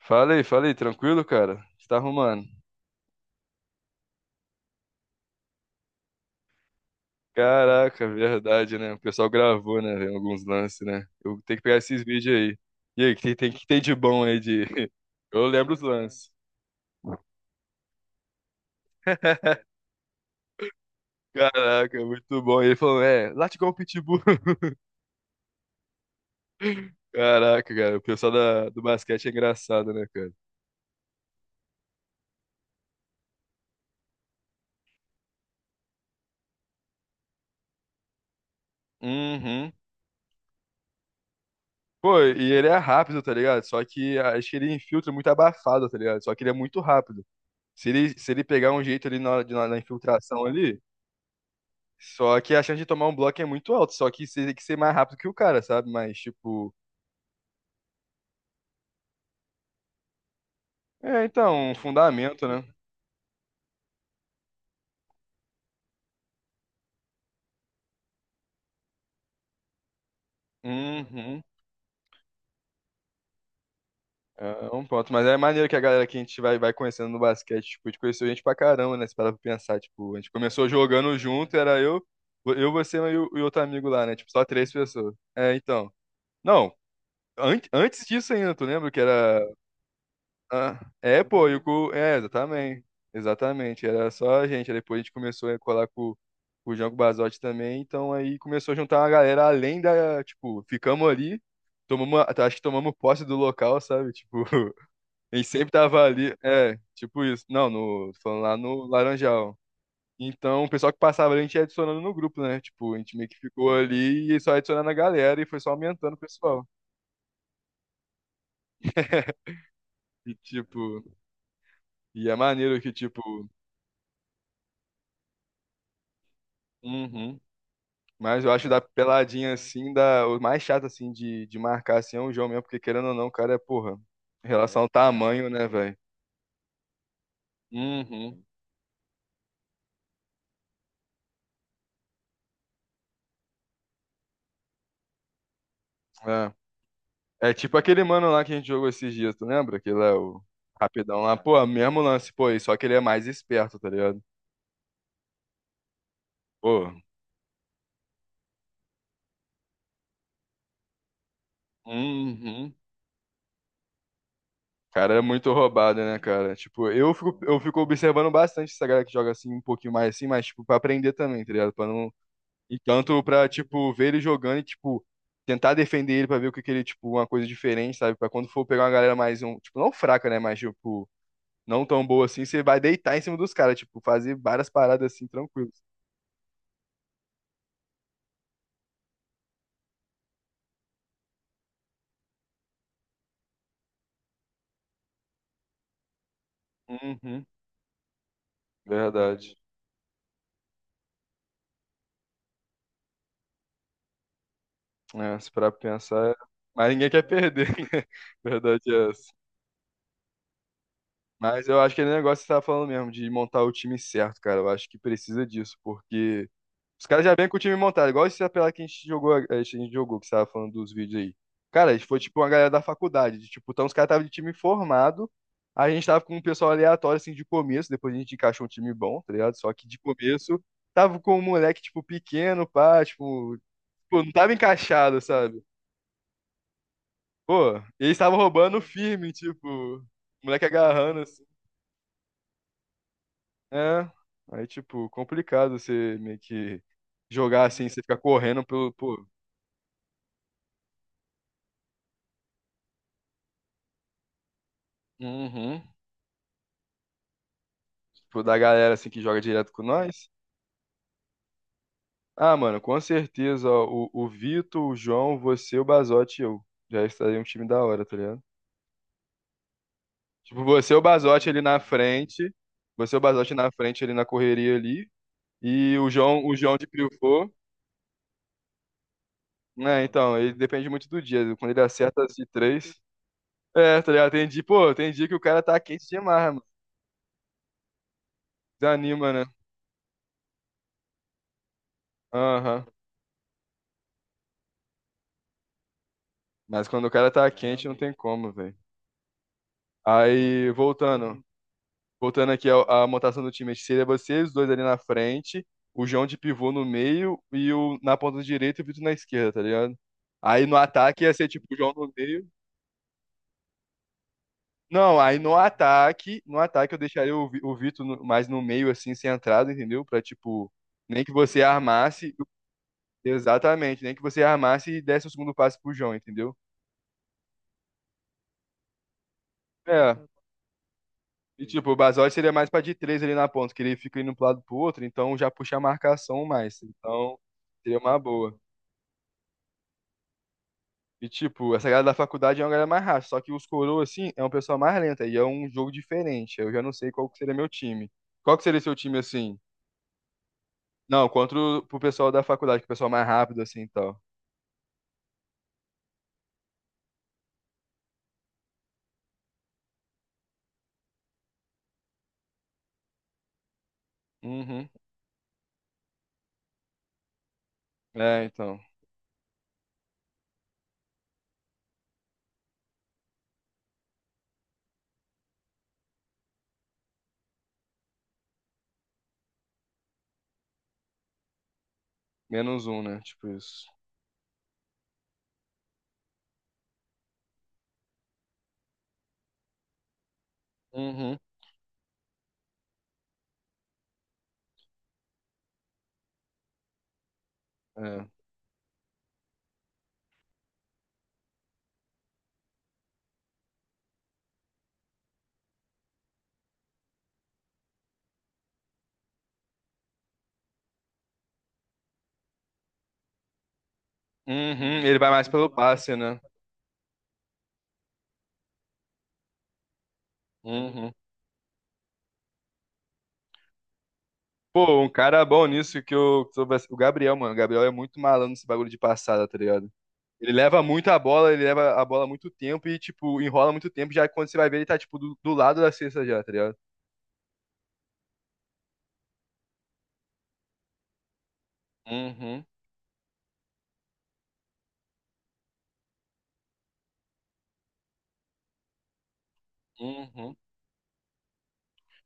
Falei, falei, tranquilo, cara? Você tá arrumando? Caraca, verdade, né? O pessoal gravou, né, velho, alguns lances, né? Eu tenho que pegar esses vídeos aí. E aí, o que tem de bom aí de... Eu lembro os lances. Caraca, muito bom. E ele falou, late igual o Pitbull. Caraca, cara, o pessoal do basquete é engraçado, né, cara? Uhum. Pô, e ele é rápido, tá ligado? Só que acho que ele infiltra muito abafado, tá ligado? Só que ele é muito rápido. Se ele pegar um jeito ali na, hora de- na, na infiltração ali. Só que a chance de tomar um bloco é muito alta, só que você tem que ser mais rápido que o cara, sabe? Mas, tipo, é, então, um fundamento, né? Uhum. É um ponto. Mas é maneiro que a galera que a gente vai conhecendo no basquete, tipo, a gente conheceu gente pra caramba, né? Se parar pra pensar, tipo, a gente começou jogando junto, era eu, você e e outro amigo lá, né? Tipo, só três pessoas. É, então. Não, an antes disso ainda, tu lembra que era... Ah, é, pô, e o cu... É, exatamente. Exatamente. Era só a gente. Aí depois a gente começou a colar com o Jango Basotti também. Então aí começou a juntar uma galera além da... Tipo, ficamos ali. Acho que tomamos posse do local, sabe? Tipo, a gente sempre tava ali. É, tipo isso. Não, tô falando lá no Laranjal. Então, o pessoal que passava ali, a gente ia adicionando no grupo, né? Tipo, a gente meio que ficou ali e só adicionando a galera e foi só aumentando o pessoal. E, tipo, é maneiro que, tipo... Uhum. Mas eu acho da peladinha assim, da, o mais chato assim de marcar assim é o João mesmo, porque querendo ou não, o cara é, porra, em relação ao tamanho, né, velho? Uhum. É. É tipo aquele mano lá que a gente jogou esses dias, tu lembra? Aquele é o rapidão lá. Ah, pô, mesmo lance, pô, e só que ele é mais esperto, tá ligado? Pô. Uhum. Cara, é muito roubado, né, cara? Tipo, eu fico observando bastante essa galera que joga assim, um pouquinho mais assim, mas, tipo, pra aprender também, tá ligado? Pra não... E tanto pra, tipo, ver ele jogando e, tipo, tentar defender ele pra ver o que que ele, tipo, uma coisa diferente, sabe? Pra quando for pegar uma galera mais, um, tipo, não fraca, né? Mas, tipo, não tão boa assim, você vai deitar em cima dos caras, tipo, fazer várias paradas assim, tranquilos. Uhum, verdade. É, se parar pra pensar, mas ninguém quer perder. Verdade é essa. Mas eu acho que é o negócio que você tá falando mesmo, de montar o time certo, cara. Eu acho que precisa disso, porque os caras já vêm com o time montado, igual esse apelado que a gente jogou, que você tava falando dos vídeos aí. Cara, a gente foi tipo uma galera da faculdade, de, tipo, então os caras estavam de time formado, a gente tava com um pessoal aleatório, assim, de começo, depois a gente encaixou um time bom, tá ligado? Só que de começo, tava com um moleque, tipo, pequeno, pá, tipo, pô, não tava encaixado, sabe? Pô, eles estavam roubando firme, tipo, o moleque agarrando, assim. É, aí, tipo, complicado você meio que jogar assim, você ficar correndo pelo, pô. Uhum. Tipo, da galera assim que joga direto com nós. Ah, mano, com certeza, ó, o Vitor, o João, você, o Bazotti e eu. Já estaria um time da hora, tá ligado? Tipo, você, o Bazotti ali na frente, você, o Bazotti na frente ali na correria ali, e o João de Crioufor. Né, então, ele depende muito do dia. Quando ele acerta as de três. É, tá ligado? Tem dia, pô, tem dia que o cara tá quente demais, mano. Desanima, né? Aham. Mas quando o cara tá quente, não tem como, velho. Aí, voltando. Voltando aqui à montação do time, acho que seria você, os dois ali na frente, o João de pivô no meio e o na ponta direita e o Vitor na esquerda, tá ligado? Aí no ataque ia ser tipo o João no meio. Não, aí no ataque, eu deixaria o Vitor mais no meio, assim, centrado, entendeu? Pra tipo, nem que você armasse, exatamente, nem que você armasse e desse o segundo passe pro João, entendeu? É. E tipo, o Basotti seria mais pra de três ali na ponta, que ele fica indo pro lado pro outro, então já puxa a marcação mais. Então, seria uma boa. E, tipo, essa galera da faculdade é uma galera mais rápida, só que os coroa, assim, é um pessoal mais lenta e é um jogo diferente. Eu já não sei qual que seria meu time. Qual que seria seu time, assim? Não, contra o pro pessoal da faculdade, que é o pessoal mais rápido, assim, e tal. Uhum. É, então. Menos um, né? Tipo isso. Uhum. É. Uhum. Ele vai mais pelo passe, né? Uhum. Pô, um cara bom nisso, O Gabriel, mano. O Gabriel é muito malandro nesse bagulho de passada, tá ligado? Ele leva muito a bola, ele leva a bola muito tempo e, tipo, enrola muito tempo. Já quando você vai ver, ele tá, tipo, do lado da cesta já, tá ligado? Uhum, uhum.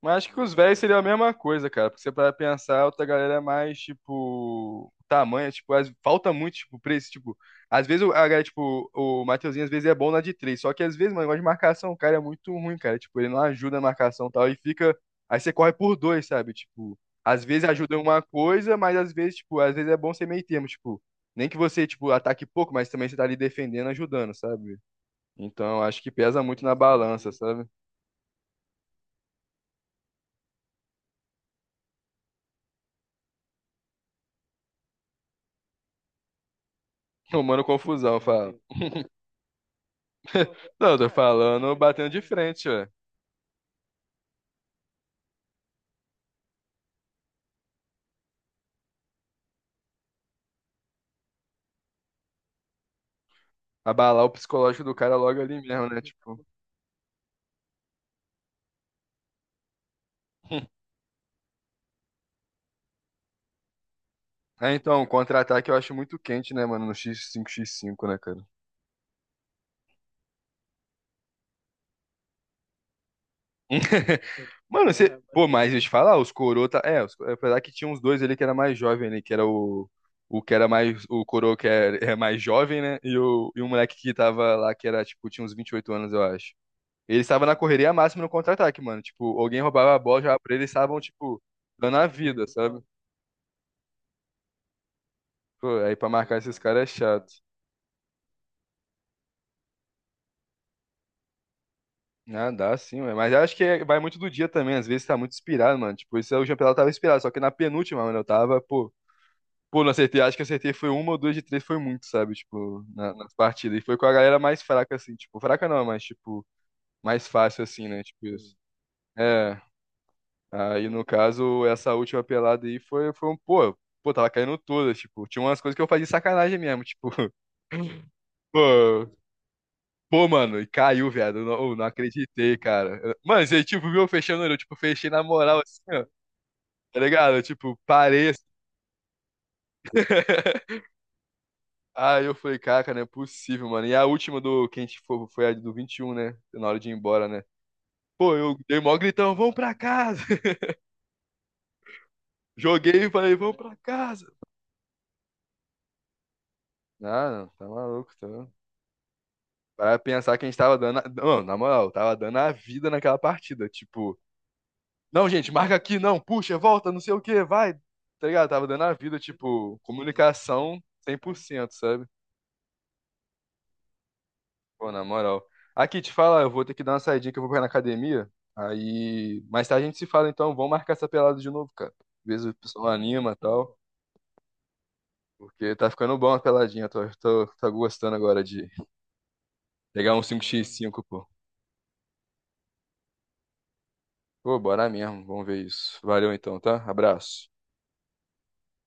Mas acho que com os velhos seria a mesma coisa, cara. Porque você para pensar, a outra galera é mais, tipo, tamanho, tipo, falta muito, tipo, preço, tipo, às vezes a galera, tipo, o Mateuzinho às vezes é bom na de três, só que às vezes, mano, o negócio de marcação, o cara é muito ruim, cara. Tipo, ele não ajuda na marcação e tal, e fica. Aí você corre por dois, sabe? Tipo, às vezes ajuda em uma coisa, mas às vezes, tipo, às vezes é bom ser meio termo, tipo, nem que você, tipo, ataque pouco, mas também você tá ali defendendo, ajudando, sabe? Então, acho que pesa muito na balança, sabe? Tomando confusão, fala. Não, eu tô falando batendo de frente, ué. Abalar o psicológico do cara logo ali mesmo, né? Tipo. É, então, contra-ataque eu acho muito quente, né, mano? No x 5x5 né, cara? Mano, você. Pô, mas deixa eu te falar, os coroa. Tá... É, os... apesar que tinha uns dois ali que era mais jovem ali, que era o... O que era mais. O coroa que é mais jovem, né? E o moleque que tava lá, que era, tipo, tinha uns 28 anos, eu acho. Ele estava na correria máxima no contra-ataque, mano. Tipo, alguém roubava a bola, jogava pra ele, eles estavam, tipo, dando a vida, sabe? Pô, aí pra marcar esses caras é chato. Ah, dá sim, ué. Mas eu acho que vai muito do dia também. Às vezes tá muito inspirado, mano. Tipo, isso é o campeonato eu tava inspirado. Só que na penúltima, mano, eu tava, pô. Pô, não acertei. Acho que acertei foi uma ou duas de três, foi muito, sabe? Tipo, nas partidas. E foi com a galera mais fraca, assim. Tipo, fraca não, mas, tipo, mais fácil, assim, né? Tipo isso. É. Aí, no caso, essa última pelada aí foi um, pô. Pô, tava caindo todas, tipo. Tinha umas coisas que eu fazia de sacanagem mesmo, tipo. Pô, Pô, mano, e caiu, viado. Eu não acreditei, cara. Mano, você, tipo, viu eu fechando o olho, eu, tipo, fechei na moral, assim. Tá ligado? Eu, tipo, parei. Assim. Aí eu falei, caraca, não é possível, mano. E a última do que a gente foi, foi a do 21, né? Na hora de ir embora, né? Pô, eu dei mó gritão, vamos pra casa. Joguei e falei, vamos pra casa. Ah, não, tá maluco, tá? Para pensar que a gente tava dando. Não, na moral, tava dando a vida naquela partida. Tipo, não, gente, marca aqui, não, puxa, volta, não sei o que, vai. Tá ligado? Tava dando a vida, tipo, comunicação 100%, sabe? Pô, na moral. Aqui, te fala eu vou ter que dar uma saidinha que eu vou correr na academia. Aí, mais tarde a gente se fala, então. Vamos marcar essa pelada de novo, cara. Às vezes o pessoal anima e tal. Porque tá ficando bom a peladinha. Tô gostando agora de pegar um 5x5, pô. Pô, bora mesmo. Vamos ver isso. Valeu então, tá? Abraço.